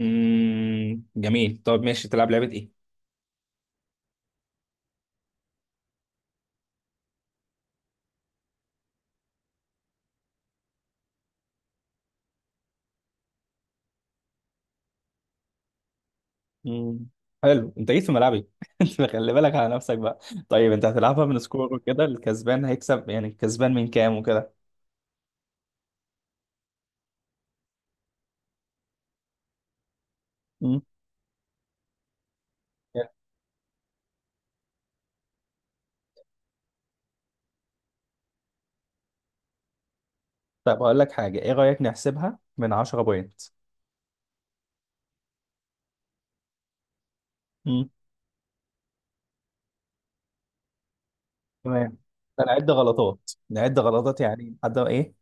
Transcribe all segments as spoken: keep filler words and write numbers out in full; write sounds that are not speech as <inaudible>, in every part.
امم جميل. طب ماشي، تلعب لعبة ايه؟ امم حلو، انت جيت في ملعبي. <laughs> انت خلي بالك على نفسك بقى. طيب انت هتلعبها من سكور وكده؟ الكسبان هيكسب، يعني الكسبان من كام وكده؟ امم طب هقول لك حاجة، ايه رأيك نحسبها من عشرة بوينت؟ امم تمام. هنعد غلطات، نعد غلطات يعني لحد ما ايه،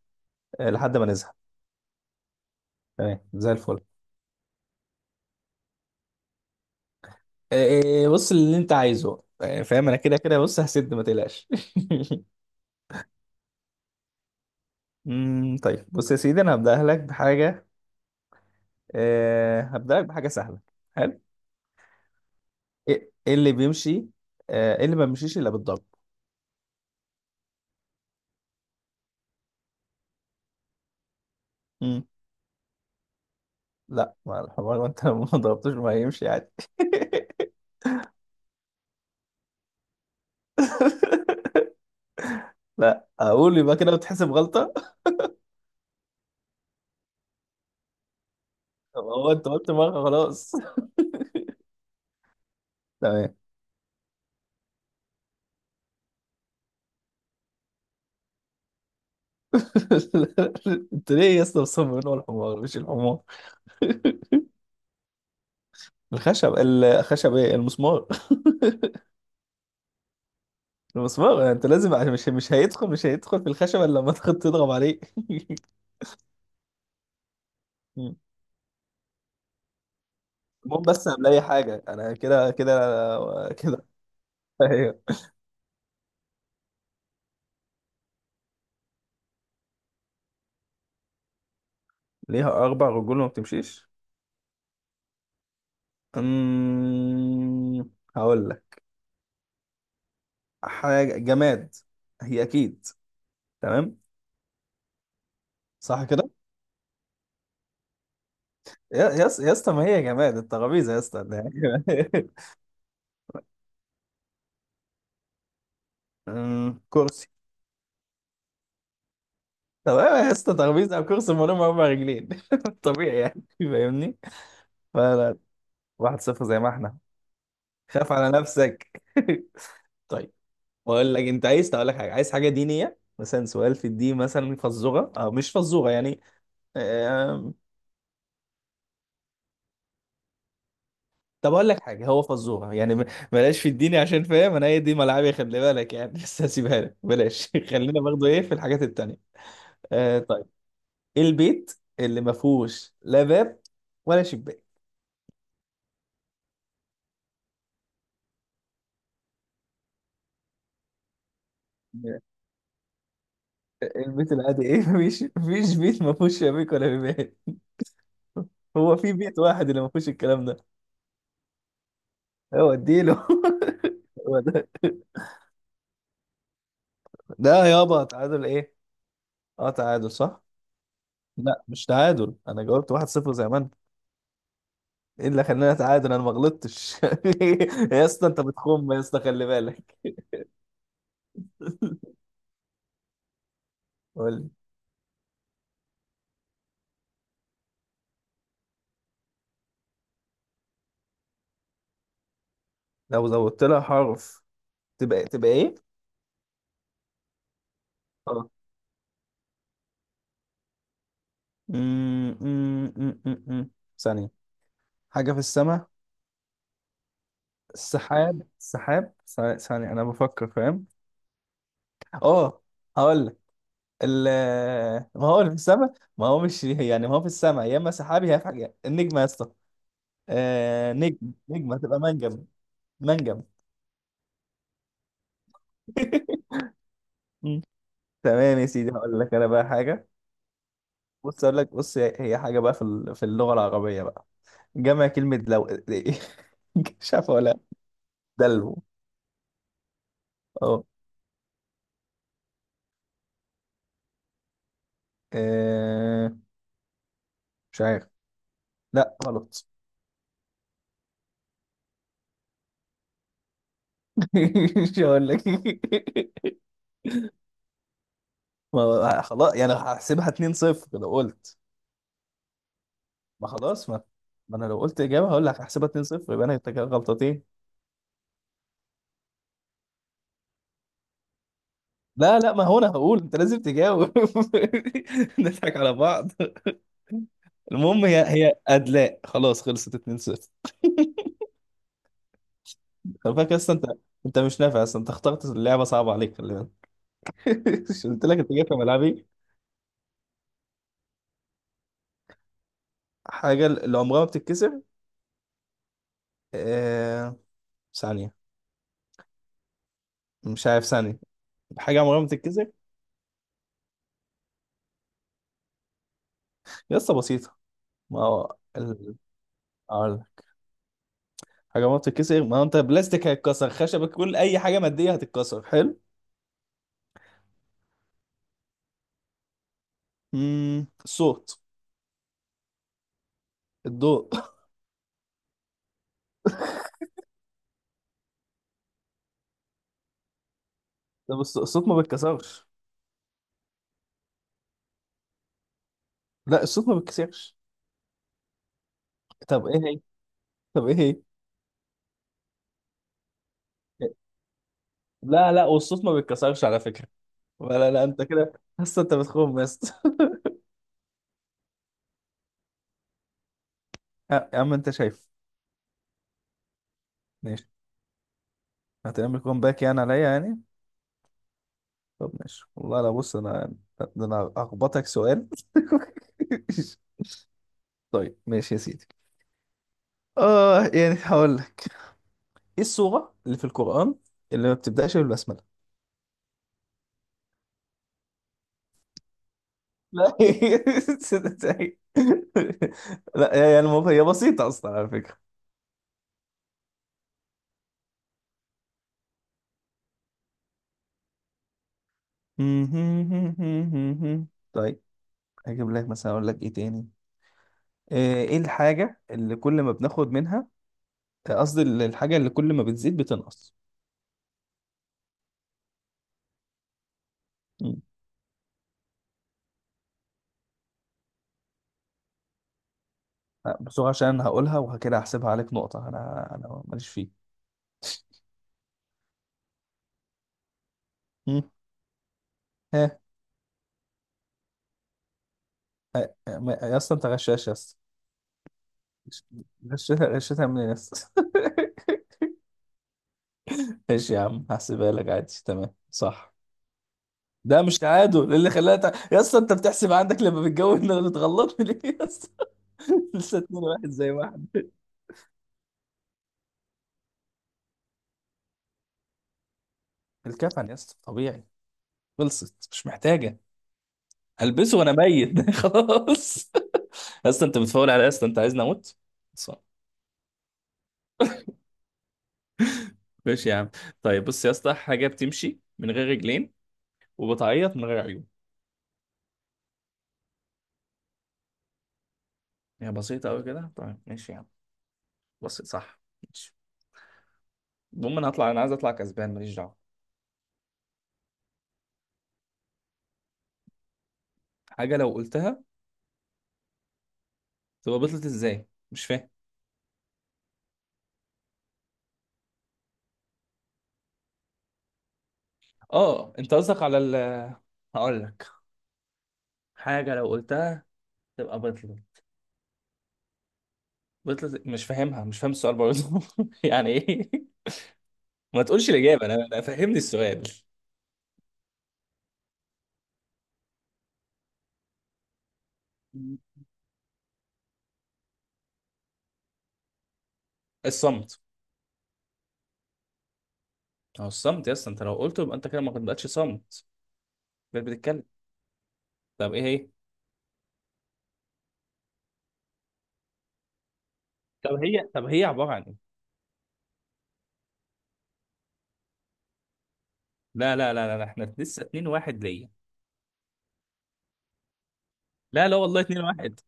آه، لحد ما نزهق. تمام، زي الفل. آه، آه، آه، بص، اللي انت عايزه، آه، فاهم انا كده كده. بص، هسد ما تقلقش. <laughs> امم طيب، بص يا سيدي، انا هبدأ لك بحاجة. أه هبدأ لك بحاجة سهلة. حلو. ايه إيه اللي بيمشي؟ أه إيه اللي ما بيمشيش الا بالضرب؟ مم. لا، ما <laughs> الحمار، وانت لو ما ضربتوش ما هيمشي عادي. <laughs> لا، اقول يبقى كده بتحسب غلطة. طب هو انت قلت مرة، خلاص. تمام. <laughs> انت ليه يا اسطى مصمم إن هو الحمار؟ مش الحمار. <laughs> الخشب، الخشب ايه، المسمار. <laughs> المسمار انت لازم، مش مش هيدخل مش هيدخل في الخشب الا لما تضغط- تضرب عليه. <laughs> المهم، بس قبل اي حاجه انا كده كده كده. <laughs> ايوه. ليها اربع رجول وما بتمشيش. أمم، هقول لك. حاجه جماد، هي اكيد. تمام صح كده. يا يا اسطى، يا اسطى، ما هي جماد. الترابيزه يا اسطى ده. <laughs> يعني. أمم، كرسي. تمام. يا اسطى، ترابيزه او كرسي من غير اربع رجلين. <laughs> طبيعي يعني، فاهمني؟ فلا، واحد صفر زي ما احنا. خاف على نفسك. <laughs> طيب. بقول لك، انت عايز اقول لك حاجه، عايز حاجه دينيه مثلا، سؤال في الدين مثلا، فزوره او مش فزوره يعني. آم، طب اقول لك حاجه، هو فزوره يعني، م- بلاش في الديني عشان فاهم انا هي دي ملعبي، خلي بالك يعني. <laughs> بس هسيبها لك، بلاش. <laughs> خلينا برضه ايه في الحاجات التانيه. آه طيب. ايه البيت اللي ما فيهوش لا باب ولا شباك؟ آه، البيت العادي ايه؟ <laughs> مفيش مفيش بيت ما فيهوش شبابيك ولا بيبان. <laughs> هو في بيت واحد اللي ما فيهوش الكلام ده. هو اديله. <laughs> هو ده. ده يابا، تعادل ايه؟ اه تعادل صح؟ لا مش تعادل، انا جاوبت واحد صفر زي ما انت. ايه اللي خلاني اتعادل؟ انا ما غلطتش. <laughs> يا اسطى انت بتخم، يا اسطى خلي بالك. قول لي، لو زودت لها حرف تبقى، تبقى ايه؟ اه. أمم، أمم، أمم، أمم. ثانية، حاجة في السماء. السحاب السحاب، ثانية ثانية، انا بفكر، فاهم؟ اه، هقول لك. ال- ما هو اللي في السماء، ما هو مش يعني ما هو في السماء يا اما سحاب يا اما حاجة، النجمة يا اسطى. آه نجم. نجمة تبقى منجم. منجم. مم. تمام يا سيدي، هقول لك انا بقى حاجه. بص اقول لك، بص هي هي حاجه بقى في ال- في اللغه العربيه بقى، جمع كلمه، لو <laughs> مش عارف ولا. دلو. اه. آه، مش عارف. لا غلط. <laughs> مش هقول لك. <laughs> ما هو خلاص يعني هحسبها اتنين صفر لو قلت. ما خلاص، ما ما انا لو قلت اجابه هقول لك هحسبها اتنين صفر يبقى انا كده غلطتين. لا لا، ما هو انا هقول انت لازم تجاوب. <laughs> نضحك على بعض. المهم، هي هي ادلاء، خلاص خلصت اتنين صفر. خلي بالك اصلا انت، انت مش نافع اصلا. انت اخترت اللعبه صعبه عليك، خلي بالك. <laughs> مش قلت لك انت جاي في ملعبي. حاجه اللي عمرها ما بتتكسر. آه... ثانيه، مش عارف، ثانيه، حاجه عمرها ما بتتكسر. لسه بسيطه. ما هو ال... أقول لك. حاجه عمرها ما بتتكسر، ما هو انت بلاستيك هيتكسر، خشبك، كل اي حاجه ماديه هتتكسر، حلو. امم الصوت. الضوء. <laughs> طب الص- الصوت ما بيتكسرش. لا الصوت ما بيتكسرش. طب ايه هي؟ طب ايه هي؟ لا لا، والصوت ما بيتكسرش على فكرة. ولا لا انت كده، بس انت بتخون بس. <laughs> يا عم انت شايف. ماشي، هتعمل كومباك يعني عليا يعني؟ طب ماشي والله. لا بص انا، ده انا اخبطك سؤال. <laughs> طيب ماشي يا سيدي. اه، يعني هقول لك، ايه السورة اللي في القرآن اللي ما بتبدأش بالبسملة؟ لا. <laughs> لا يعني الموضوع- هي بسيطة اصلا على فكرة. <laughs> طيب، هجيب لك مثلا، اقول لك ايه تاني. آه، ايه الحاجة اللي كل ما بناخد منها، آه، قصدي ال- الحاجة اللي كل ما بتزيد بتنقص؟ مم. آه، بسرعة عشان انا هقولها وكده هحسبها عليك نقطة. انا انا ماليش فيه. مم. ها. آه، ما- يا اسطى انت غشاش يا اسطى. غش- غشيتها غشيتها منين يا اسطى؟ <laughs> ماشي يا عم، هحسبها لك عادي، تمام صح. ده مش تعادل، إيه اللي خلاها تع... يا اسطى انت بتحسب عندك لما بتجوز انك بتغلط ليه يا اسطى؟ <laughs> لسه اتنين واحد زي واحد. الكفن يا اسطى طبيعي، خلصت مش محتاجة. هلبسه وانا ميت. <laughs> خلاص. يا اسطى انت بتفاول على، يا اسطى انت عايزني اموت؟ صح. ماشي يا عم. طيب بص يا اسطى، حاجه بتمشي من غير رجلين وبتعيط من غير عيون. هي بسيطه قوي كده. طيب ماشي يا عم. بسيط صح. ماشي. المهم انا هطلع، انا عايز اطلع كسبان ماليش دعوه. حاجه لو قلتها تبقى بطلت، ازاي؟ مش فاهم. اه، انت قصدك على ال. <laughs> هقول لك، حاجه لو قلتها تبقى بطلت. بطلت مش فاهمها، مش فاهم السؤال برضه. <laughs> يعني ايه؟ ما تقولش الاجابه، انا أنا فهمني السؤال. الصمت. اهو الصمت يا اسطى، انت لو قلته يبقى انت كده ما بقتش صمت، بقيت بتتكلم. طب ايه هي؟ طب هي طب هي عبارة عن ايه؟ لا لا لا لا لا، احنا لسه اتنين واحد ليا. لا لا والله اتنين واحد.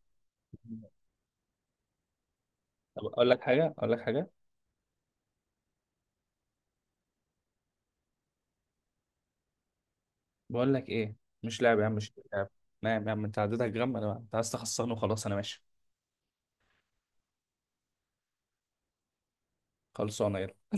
طب اقول لك حاجه، اقول لك حاجه بقول لك ايه، مش لعب يا عم، مش لعب. نعم يا عم انت عديتك جرام. انا، انت عايز تخسرني وخلاص، انا ماشي. خلصانه يلا.